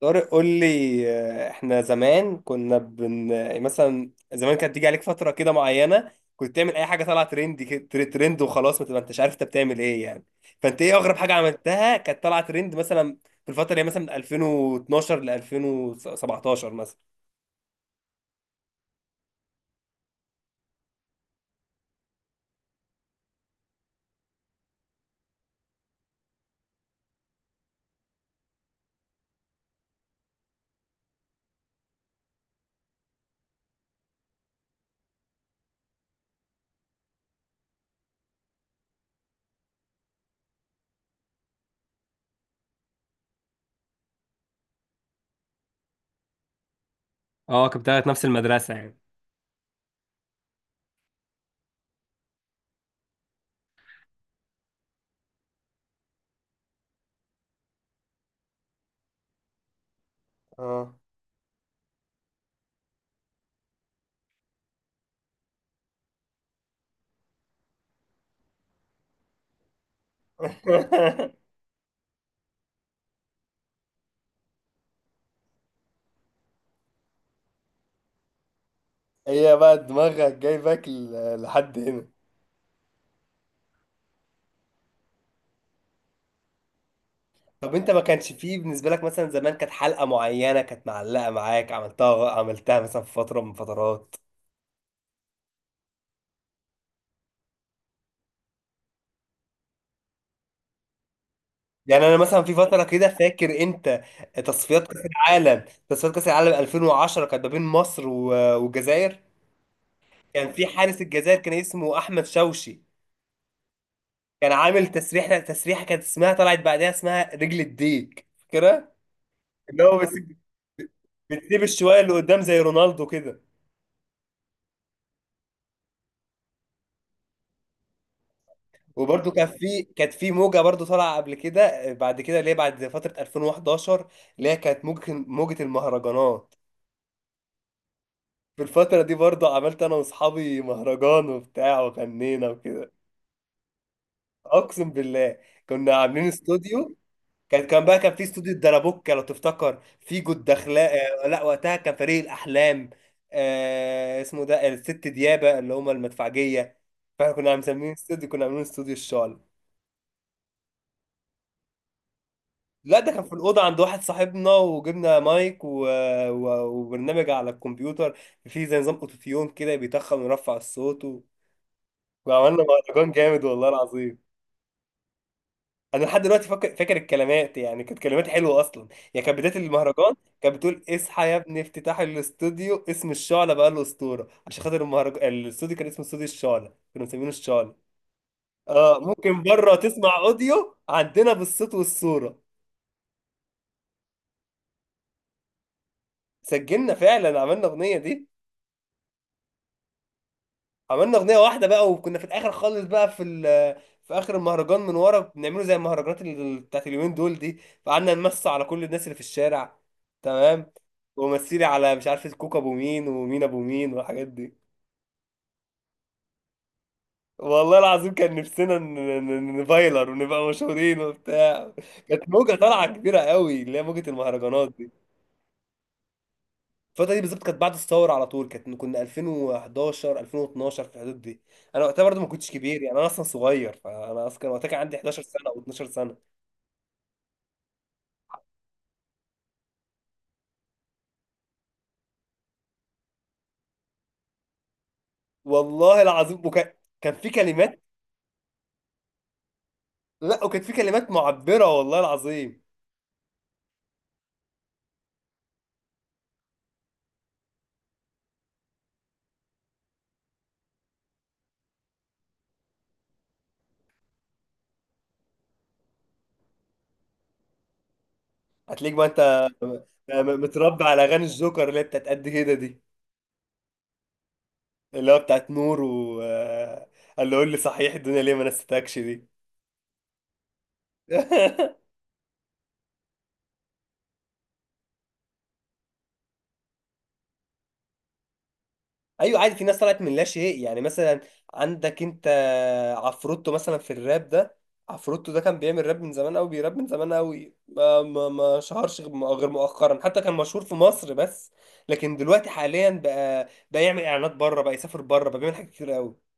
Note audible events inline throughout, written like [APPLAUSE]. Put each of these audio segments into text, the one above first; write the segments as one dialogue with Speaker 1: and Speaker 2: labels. Speaker 1: طارق قول لي، احنا زمان كنا بن آه، مثلا زمان كانت تيجي عليك فترة كده معينة، كنت تعمل اي حاجة طالعة ترند ترند وخلاص، ما تبقى انتش عارف انت بتعمل ايه يعني. فانت ايه اغرب حاجة عملتها كانت طالعة ترند مثلا؟ في الفترة اللي هي مثلا من 2012 ل 2017 مثلا. اه كنت بتاعت نفس المدرسة يعني. اه. [LAUGHS] هي بقى دماغك جايبك لحد هنا. طب انت ما كانش فيه بالنسبة لك، مثلا زمان كانت حلقة معينة كانت معلقة معاك، عملتها مثلا في فترة من فترات. يعني انا مثلا في فترة كده، فاكر انت تصفيات كأس العالم 2010 كانت ما بين مصر والجزائر، كان في حارس الجزائر كان اسمه احمد شوشي، كان عامل تسريحة كانت اسمها، طلعت بعدها اسمها رجل الديك، فاكرها؟ اللي هو بس- بتسيب الشوية اللي قدام زي رونالدو كده. وبرده كانت في موجه برده طالعه قبل كده بعد كده، اللي هي بعد فتره 2011، اللي هي كانت موجه المهرجانات. في الفتره دي برده عملت انا واصحابي مهرجان وبتاع وغنينا وكده. اقسم بالله، كنا عاملين استوديو. كان في استوديو الدرابوكه، لو تفتكر، في جود دخلاء. آه، لا وقتها كان فريق الاحلام، آه اسمه ده الست ديابه اللي هم المدفعجيه. فاحنا كنا مسميين استوديو، كنا عاملين استوديو الشعل. لا، ده كان في الأوضة عند واحد صاحبنا، وجبنا مايك وبرنامج على الكمبيوتر فيه زي نظام أوتوتيون كده بيتخن ويرفع الصوت، وعملنا مهرجان جامد والله العظيم. أنا لحد دلوقتي فاكر، الكلمات، يعني كانت كلمات حلوة أصلا. يعني كانت بداية المهرجان كانت بتقول: اصحى يا ابني، افتتاح الاستوديو، اسم الشعلة بقى له أسطورة، عشان خاطر المهرجان الاستوديو كان اسمه استوديو الشعلة، كانوا مسمينه الشعلة. اه ممكن بره تسمع أوديو عندنا بالصوت والصورة. سجلنا فعلا، عملنا أغنية دي. عملنا اغنيه واحده بقى، وكنا في الاخر خالص بقى في في اخر المهرجان من ورا بنعمله زي المهرجانات بتاعت اليومين دول دي، فقعدنا نمس على كل الناس اللي في الشارع، تمام. ومثلي على، مش عارف، الكوكا ابو مين، ومين ابو مين، والحاجات دي. والله العظيم كان نفسنا نفايلر ونبقى مشهورين وبتاع. كانت موجه طالعه كبيره قوي اللي هي موجه المهرجانات دي. الفترة دي بالظبط كانت بعد الثورة على طول، كانت كنا 2011، 2012، في الحدود دي. انا وقتها برضه ما كنتش كبير يعني، انا اصلا صغير، فانا اصلا كان وقتها كان عندي 11 سنة او 12 سنة. والله العظيم كان في كلمات. لا، وكان في كلمات معبرة والله العظيم. هتلاقيك بقى انت متربي على اغاني الجوكر اللي هي بتاعت قد كده دي، اللي هو بتاعت نور، و قال له قول لي صحيح الدنيا ليه ما نستكش دي. [LAUGHS] ايوه، عادي، في ناس طلعت من لا شيء، يعني مثلا عندك انت عفروتو مثلا في الراب ده. عفروتو ده كان بيعمل راب من زمان قوي، بيراب من زمان قوي، ما شهرش غير مؤخرا، حتى كان مشهور في مصر بس. لكن دلوقتي حاليا بقى يعمل اعلانات بره، بقى يسافر بره، بقى بيعمل حاجات كتير قوي.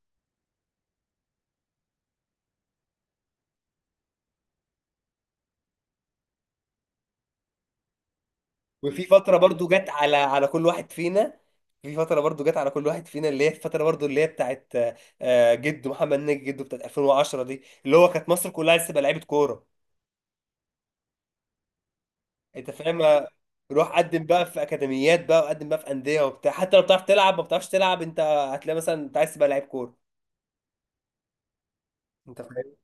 Speaker 1: وفي فترة برضو جت على كل واحد فينا، في فترة برضو جت على كل واحد فينا اللي هي الفترة برضو اللي هي بتاعت آه، جده محمد نجي، جده بتاعت 2010 دي، اللي هو كانت مصر كلها لسه بقى لعيبة كورة، انت فاهم؟ روح قدم بقى في اكاديميات بقى، وقدم بقى في انديه وبتاع، حتى لو بتعرف تلعب، ما بتعرفش تلعب، انت هتلاقي مثلا انت عايز تبقى لعيب كوره، انت فاهم؟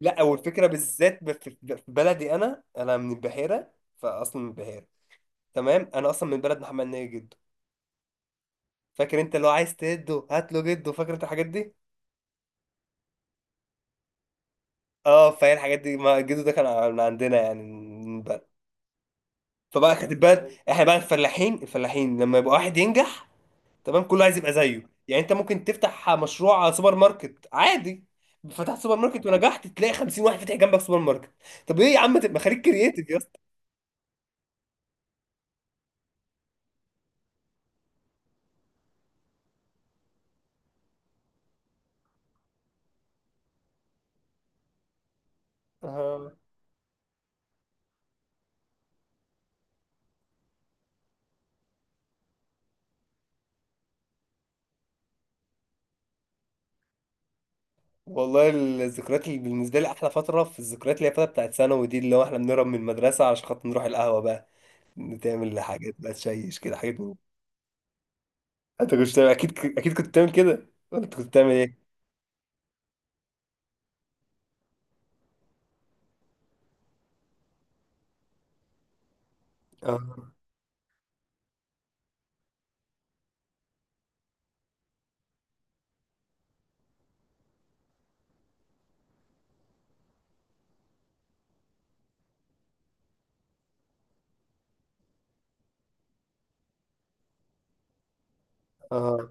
Speaker 1: لا، والفكره بالذات في في بلدي، انا انا من البحيره، فاصلا من البحيره، تمام. انا اصلا من بلد محمد ناجي جده، فاكر انت؟ لو عايز تهده هات له جده، فاكر انت الحاجات دي؟ اه، فهي الحاجات دي، ما جده ده كان من عندنا يعني، من البلد. فبقى خدت بالك، احنا بقى الفلاحين الفلاحين، لما يبقى واحد ينجح، تمام، كله عايز يبقى زيه. يعني انت ممكن تفتح مشروع سوبر ماركت عادي، فتحت سوبر ماركت ونجحت، تلاقي 50 واحد فاتح جنبك سوبر ماركت. طب ايه يا عم، تبقى خليك كرييتيف يا اسطى. آه. والله الذكريات اللي بالنسبه لي احلى فتره في الذكريات، اللي هي الفتره بتاعت ثانوي دي، اللي هو احنا بنهرب من المدرسه علشان خاطر نروح القهوه بقى، تعمل حاجات بقى، تشيش كده، حاجات انت كنت اكيد اكيد كنت بتعمل كده. انت كنت بتعمل ايه؟ اه، اه.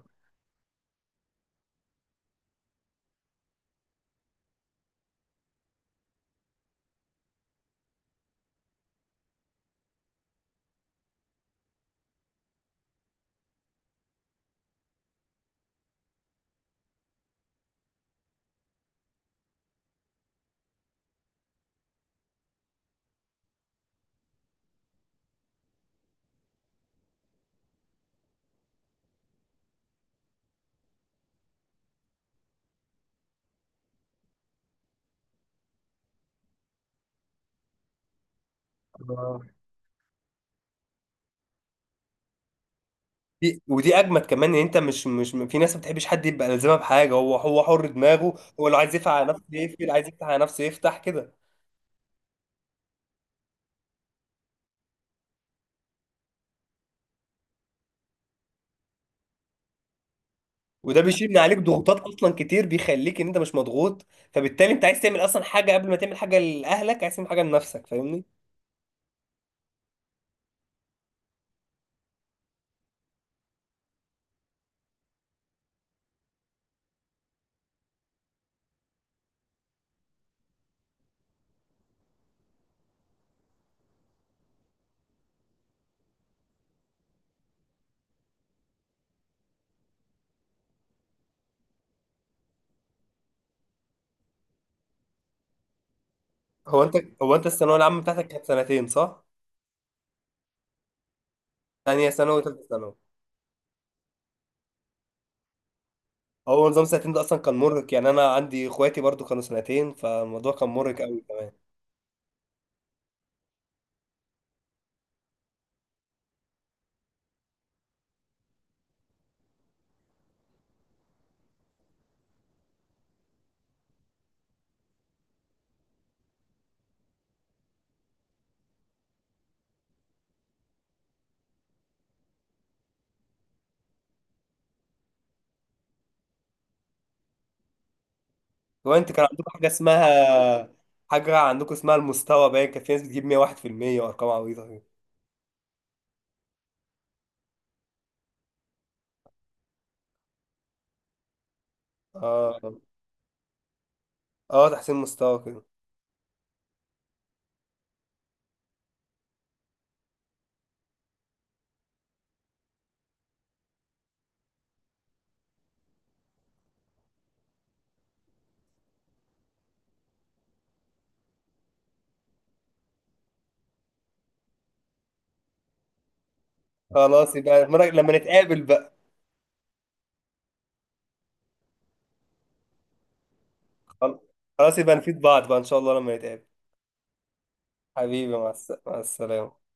Speaker 1: آه. دي ودي اجمد كمان، ان انت مش في ناس ما بتحبش حد يبقى لازمها بحاجه، هو هو حر دماغه، هو لو عايز يقفل على نفسه يقفل، عايز يفتح على نفسه يفتح كده. وده بيشيل من عليك ضغوطات اصلا كتير، بيخليك ان انت مش مضغوط، فبالتالي انت عايز تعمل اصلا حاجه، قبل ما تعمل حاجه لاهلك عايز تعمل حاجه لنفسك، فاهمني؟ هو انت هو انت الثانويه العامه بتاعتك كانت سنتين، صح؟ ثانيه ثانوي وثالثه ثانوي. هو نظام سنتين ده اصلا كان مرهق يعني، انا عندي اخواتي برضو كانوا سنتين، فالموضوع كان مرهق قوي كمان. هو انت كان عندكم حاجه اسمها، حاجه عندكم اسمها المستوى باين، كان في ناس بتجيب 101% وارقام عبيطه كده. اه اه، تحسين مستوى كده. خلاص يبقى لما نتقابل بقى. خلاص يبقى نفيد بعض بقى، ان شاء الله لما نتقابل. حبيبي، مع السلامه.